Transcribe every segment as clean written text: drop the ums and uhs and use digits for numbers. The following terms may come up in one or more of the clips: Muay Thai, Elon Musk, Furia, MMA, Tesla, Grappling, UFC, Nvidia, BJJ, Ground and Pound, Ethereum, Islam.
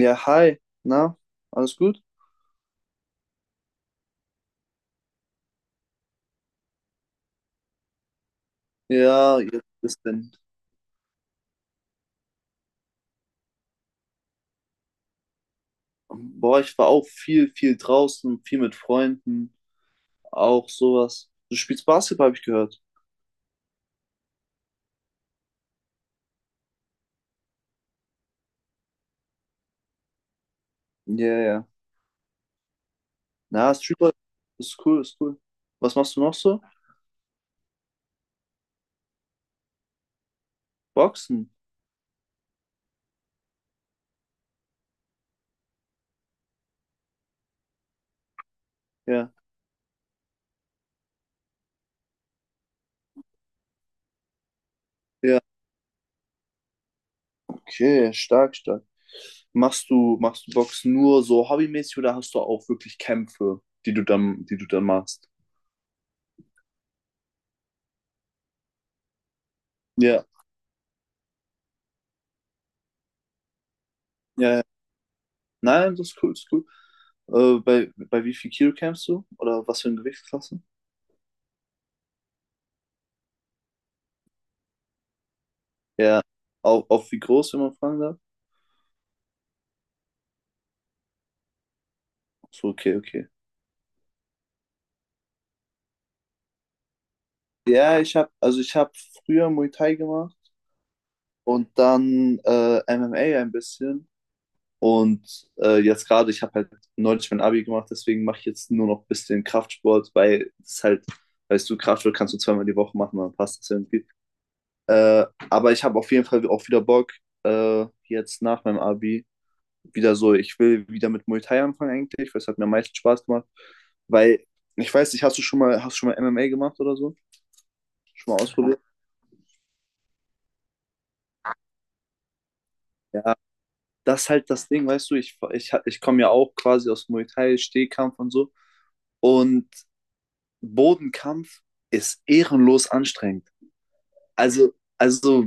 Ja, hi, na, alles gut? Ja, jetzt ist denn. Boah, ich war auch viel, viel draußen, viel mit Freunden, auch sowas. Du spielst Basketball, habe ich gehört. Ja, ja. Na, Streetball ist cool, ist cool. Was machst du noch so? Boxen. Ja, ja. Okay, stark, stark. Machst du Boxen nur so hobbymäßig oder hast du auch wirklich Kämpfe, die du dann machst? Ja, ja, ja. Nein, das ist cool, das ist cool. Bei wie viel Kilo kämpfst du? Oder was für eine Gewichtsklasse? Ja, auch wie groß, wenn man fragen darf? So, okay, okay. Ja, also ich habe früher Muay Thai gemacht und dann MMA ein bisschen. Und jetzt gerade, ich habe halt neulich mein Abi gemacht, deswegen mache ich jetzt nur noch ein bisschen Kraftsport, weil es halt, weißt du, Kraftsport kannst du zweimal die Woche machen, dann passt das irgendwie. Äh, aber ich habe auf jeden Fall auch wieder Bock, jetzt nach meinem Abi wieder so, ich will wieder mit Muay Thai anfangen eigentlich, weil es hat mir am meisten Spaß gemacht. Weil, ich weiß nicht, hast du schon mal MMA gemacht oder so? Schon mal ausprobiert? Ja, das ist halt das Ding, weißt du, ich komme ja auch quasi aus Muay Thai, Stehkampf und so. Und Bodenkampf ist ehrenlos anstrengend. Also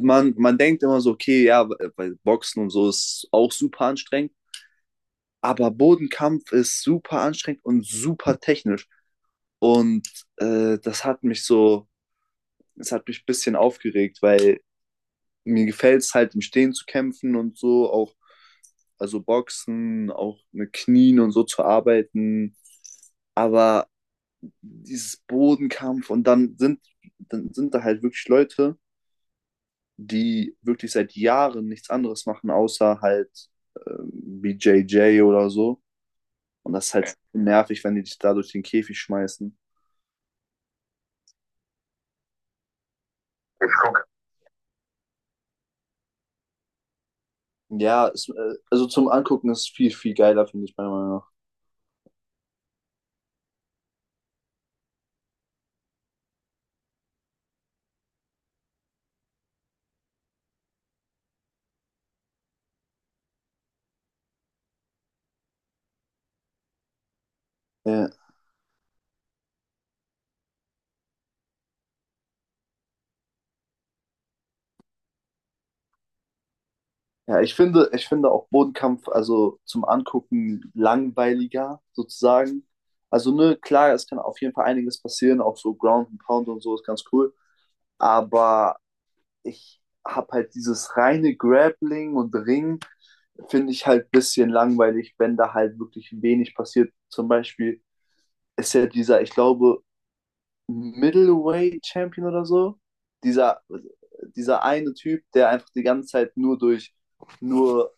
man denkt immer so, okay, ja, bei Boxen und so ist auch super anstrengend. Aber Bodenkampf ist super anstrengend und super technisch. Und äh, das hat mich so, das hat mich ein bisschen aufgeregt, weil mir gefällt es halt im Stehen zu kämpfen und so, auch also Boxen, auch mit Knien und so zu arbeiten. Aber dieses Bodenkampf und dann sind da halt wirklich Leute, die wirklich seit Jahren nichts anderes machen, außer halt BJJ oder so. Und das ist halt nervig, wenn die dich da durch den Käfig schmeißen. Ja, also zum Angucken ist viel, viel geiler, finde ich meiner Meinung nach. Ja, ja ich finde auch Bodenkampf, also zum Angucken langweiliger sozusagen. Also, ne, klar, es kann auf jeden Fall einiges passieren, auch so Ground and Pound und so ist ganz cool. Aber ich habe halt dieses reine Grappling und Ring, finde ich halt ein bisschen langweilig, wenn da halt wirklich wenig passiert. Zum Beispiel ist ja dieser, ich glaube, Middleweight Champion oder so. Dieser, dieser eine Typ, der einfach die ganze Zeit nur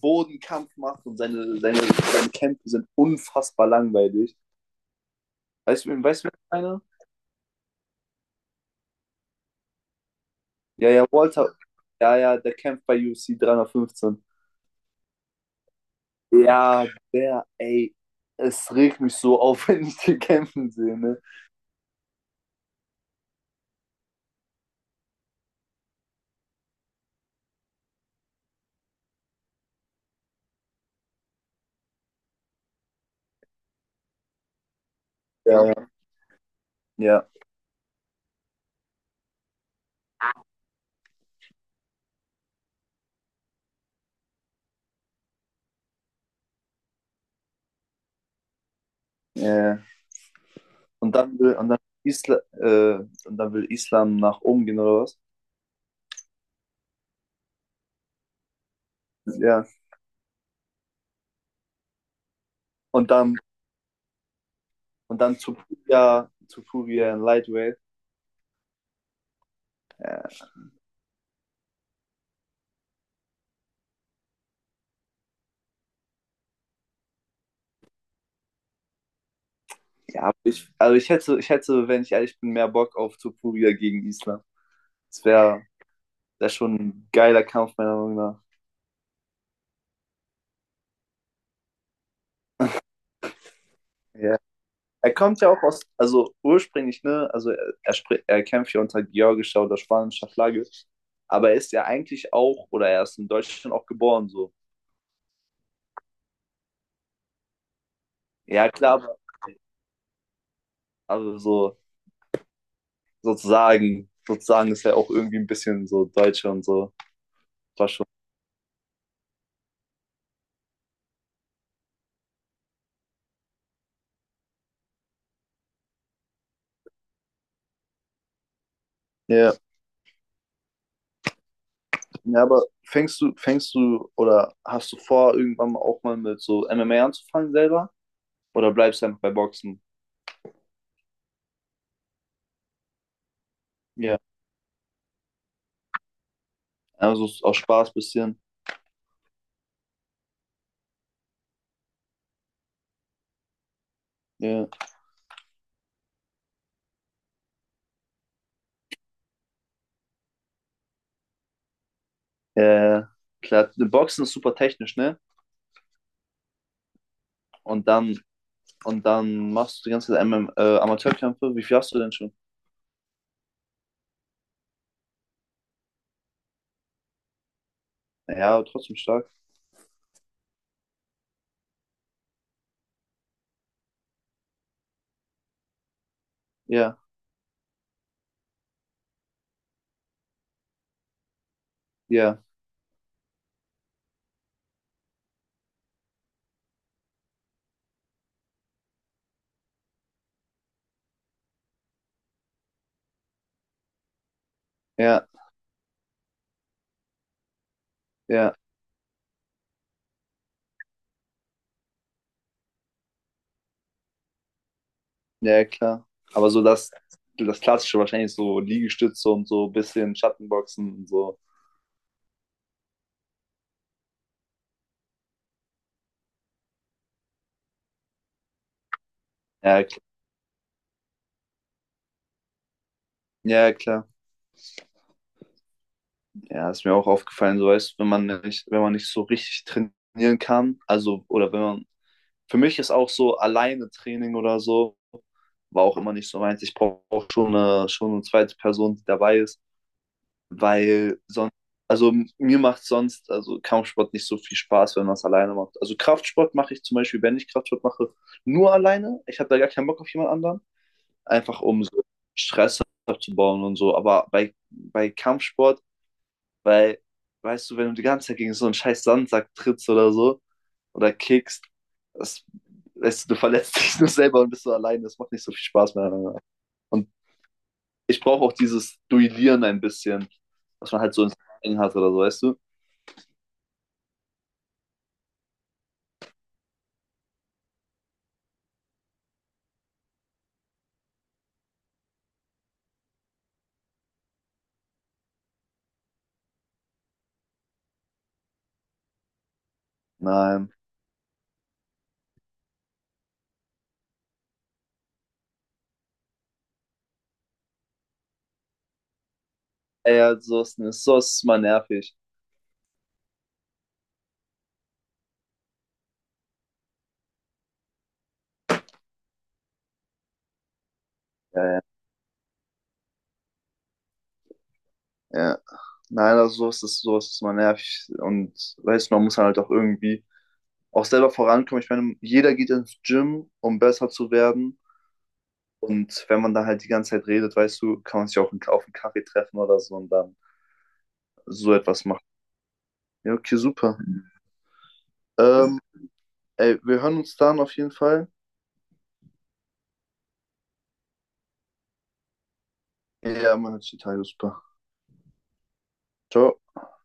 Bodenkampf macht, und seine Kämpfe sind unfassbar langweilig. Weißt du, wer ich— Ja, ja, Walter. Ja, ja, der kämpft bei UFC 315. Ja, der, ey, es regt mich so auf, wenn ich den kämpfen sehe, ne? Ja, ja, ja, ja. Und Isla, äh, dann will Islam nach oben gehen oder was? Ja. Und dann Und dann zu Furia, in Lightweight. Äh, ja, also ich hätte, wenn ich ehrlich bin, mehr Bock auf zu Furia gegen Islam. Das wäre wär schon ein geiler Kampf, meiner Meinung nach. Ja. Er kommt ja auch aus, also ursprünglich, ne, also er kämpft ja unter georgischer oder spanischer Flagge, aber er ist ja eigentlich auch, oder er ist in Deutschland auch geboren, so. Ja, klar, aber also so, sozusagen ist er auch irgendwie ein bisschen so Deutsche und so. War schon. Ja. Ja, aber fängst du oder hast du vor, irgendwann mal auch mal mit so MMA anzufangen selber? Oder bleibst du einfach bei Boxen? Ja. Also ist auch Spaß bisschen. Ja. Ja, ja, klar. Boxen ist super technisch, ne? Und dann, und dann machst du die ganze Zeit Amateurkämpfe. Wie viel hast du denn schon? Ja, aber trotzdem stark. Ja, ja, ja, ja, ja, klar. Aber so das Klassische wahrscheinlich so Liegestütze und so ein bisschen Schattenboxen und so. Ja, klar. Ja, klar. Ja, ist mir auch aufgefallen, so weißt, wenn man nicht so richtig trainieren kann, also oder wenn man, für mich ist auch so alleine Training oder so, war auch immer nicht so meins. Ich brauche schon eine zweite Person, die dabei ist, weil sonst, also mir macht sonst, also Kampfsport nicht so viel Spaß, wenn man es alleine macht. Also Kraftsport mache ich zum Beispiel, wenn ich Kraftsport mache, nur alleine. Ich habe da gar keinen Bock auf jemand anderen, einfach um so Stress abzubauen und so. Aber bei Kampfsport weil, weißt du, wenn du die ganze Zeit gegen so einen scheiß Sandsack trittst oder so oder kickst, das, weißt du, du verletzt dich nur selber und bist so allein. Das macht nicht so viel Spaß mehr. Und ich brauche auch dieses Duellieren ein bisschen, was man halt so ins Training hat oder so, weißt du? Nein. Ey, also, so ist mal nervig. Ja, ja, ja. Nein, also sowas ist mal nervig. Und weißt du, man muss halt auch irgendwie auch selber vorankommen. Ich meine, jeder geht ins Gym, um besser zu werden. Und wenn man da halt die ganze Zeit redet, weißt du, kann man sich auch auf einen Kaffee treffen oder so und dann so etwas machen. Ja, okay, super. Ähm, Ey, wir hören uns dann auf jeden Fall. Ja, man hört sich total super. Ciao.